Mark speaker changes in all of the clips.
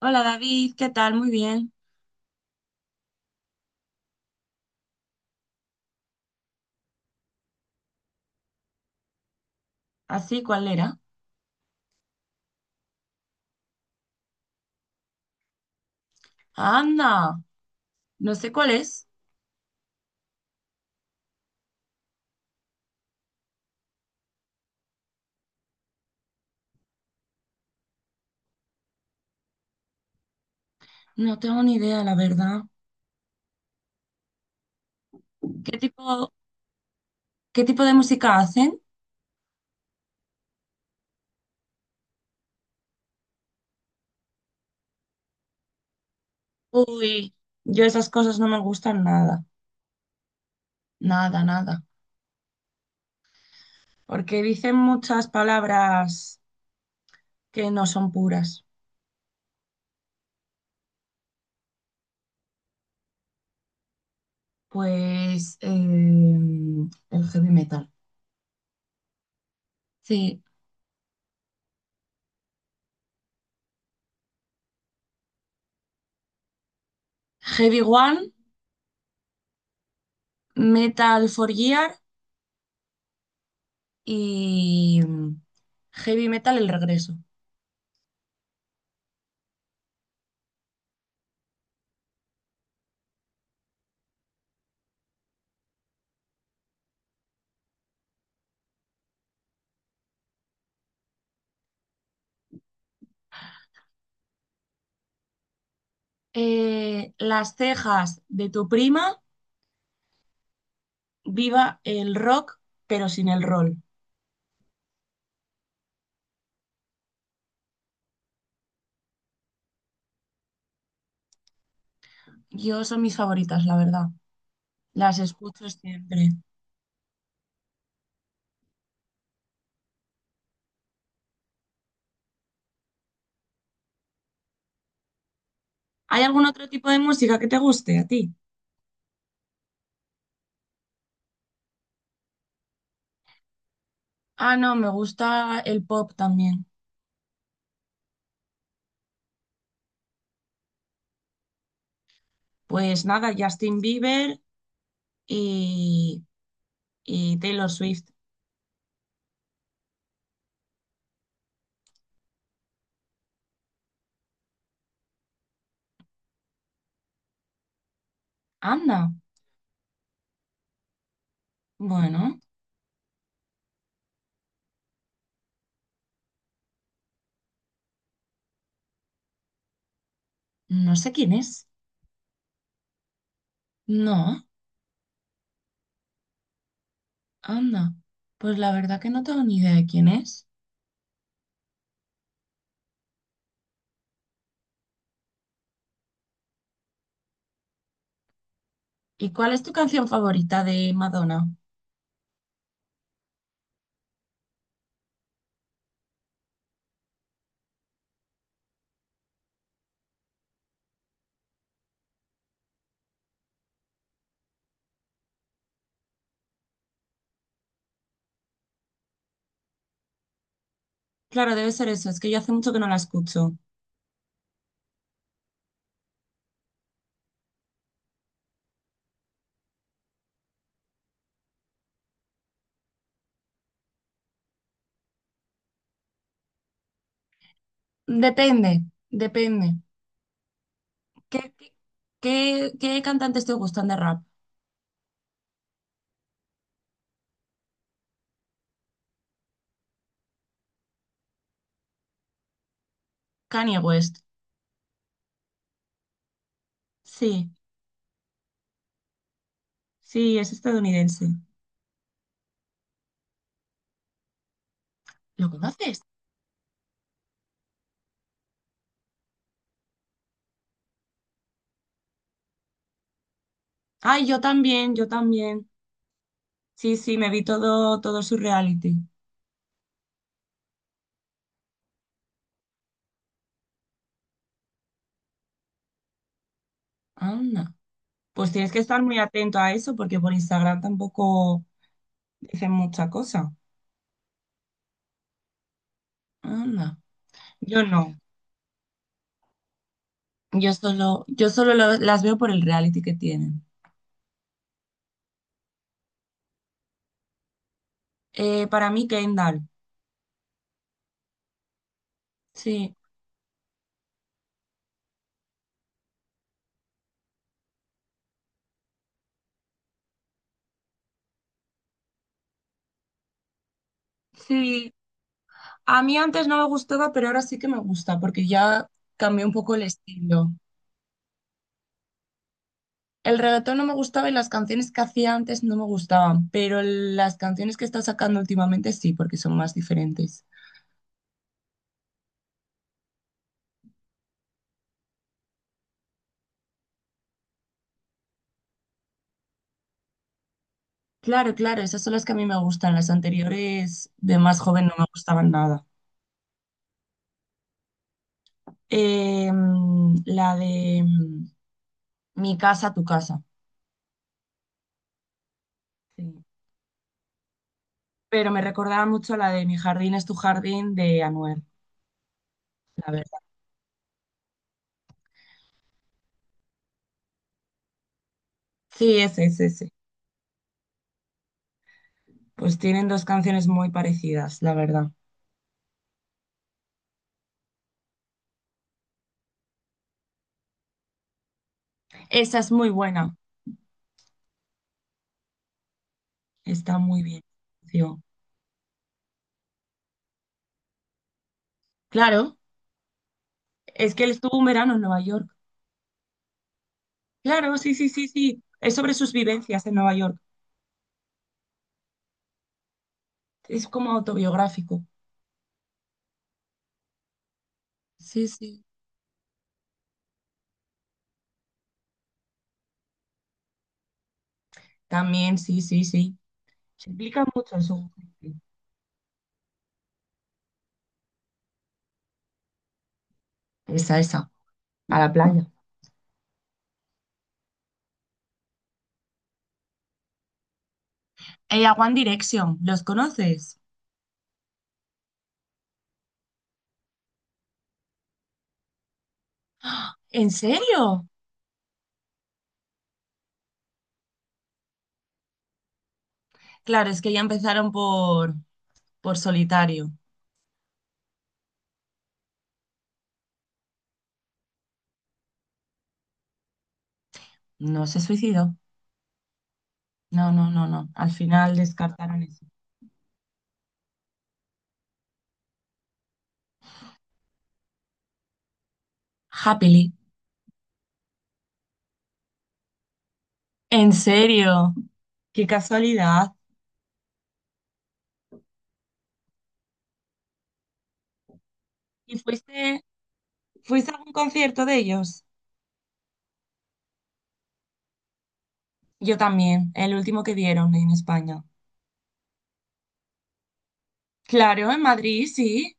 Speaker 1: Hola David, ¿qué tal? Muy bien. ¿Así cuál era? Anda, no sé cuál es. No tengo ni idea, la verdad. ¿Qué tipo, ¿qué tipo de música hacen? Uy, yo esas cosas no me gustan nada, nada, nada. Porque dicen muchas palabras que no son puras. Pues el heavy metal. Sí, Heavy One, Metal for Gear y Heavy Metal El Regreso. Las cejas de tu prima, viva el rock, pero sin el roll. Yo son mis favoritas, la verdad. Las escucho siempre. ¿Hay algún otro tipo de música que te guste a ti? Ah, no, me gusta el pop también. Pues nada, Justin Bieber y, y Taylor Swift. Anda, bueno, no sé quién es. No, anda. Pues la verdad que no tengo ni idea de quién es. ¿Y cuál es tu canción favorita de Madonna? Claro, debe ser eso. Es que yo hace mucho que no la escucho. Depende, depende. ¿Qué, qué, ¿qué cantantes te gustan de rap? Kanye West. Sí, sí, es estadounidense. ¿Lo conoces? Ay, yo también, yo también. Sí, sí, me vi todo, todo su reality. Anda. Pues tienes que estar muy atento a eso porque por Instagram tampoco dicen mucha cosa. Anda. Yo no. Las veo por el reality que tienen. Para mí, Kendall. Sí. Sí, a mí antes no me gustaba, pero ahora sí que me gusta, porque ya cambió un poco el estilo. El reggaetón no me gustaba y las canciones que hacía antes no me gustaban, pero las canciones que está sacando últimamente sí, porque son más diferentes. Claro, claro, esas son las que a mí me gustan. Las anteriores de más joven no me gustaban nada. La de Mi casa, tu casa. Sí. Pero me recordaba mucho la de Mi jardín es tu jardín de Anuel. La verdad. Sí, ese, ese, ese. Pues tienen dos canciones muy parecidas, la verdad. Esa es muy buena, está muy bien. Sí. Claro, es que él estuvo un verano en Nueva York. Claro, sí, sí, sí, sí. Es sobre sus vivencias en Nueva York. Es como autobiográfico. Sí, sí. También, sí, sí, sí. Se implica mucho en su... Esa, a la playa. Ella, a One Direction, ¿los conoces? ¿En serio? Claro, es que ya empezaron por solitario. No se suicidó. No, no, no, no. Al final descartaron eso. Happily. ¿En serio? Qué casualidad. ¿Y fuiste, ¿fuiste a algún concierto de ellos? Yo también, el último que dieron en España. Claro, en Madrid, sí.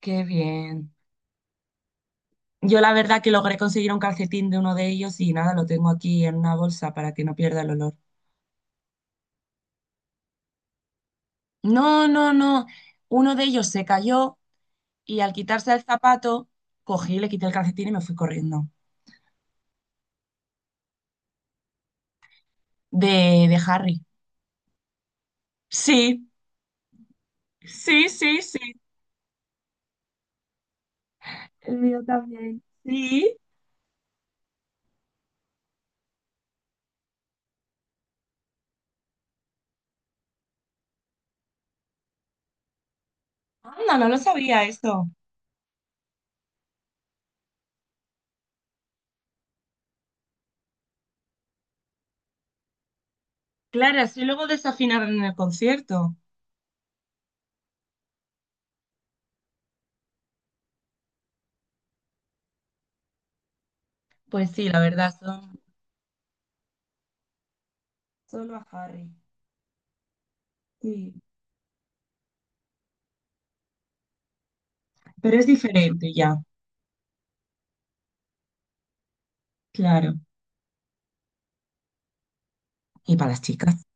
Speaker 1: Qué bien. Yo la verdad que logré conseguir un calcetín de uno de ellos y nada, lo tengo aquí en una bolsa para que no pierda el olor. No, no, no. Uno de ellos se cayó y al quitarse el zapato, cogí, le quité el calcetín y me fui corriendo. De, de Harry. Sí. Sí, sí, sí. El mío también. Sí. Anda, no lo sabía esto. Claro, así luego desafinaron en el concierto. Pues sí, la verdad, son solo a Harry. Sí. Pero es diferente ya, claro. Y para las chicas.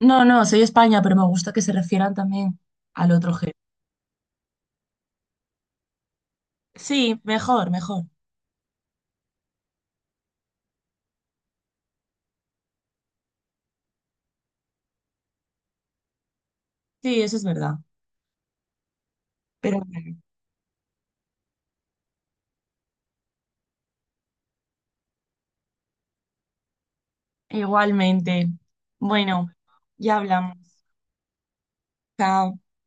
Speaker 1: No, no, soy España, pero me gusta que se refieran también al otro género. Sí, mejor, mejor. Sí, eso es verdad. Pero bueno, igualmente. Bueno, ya hablamos. Chao.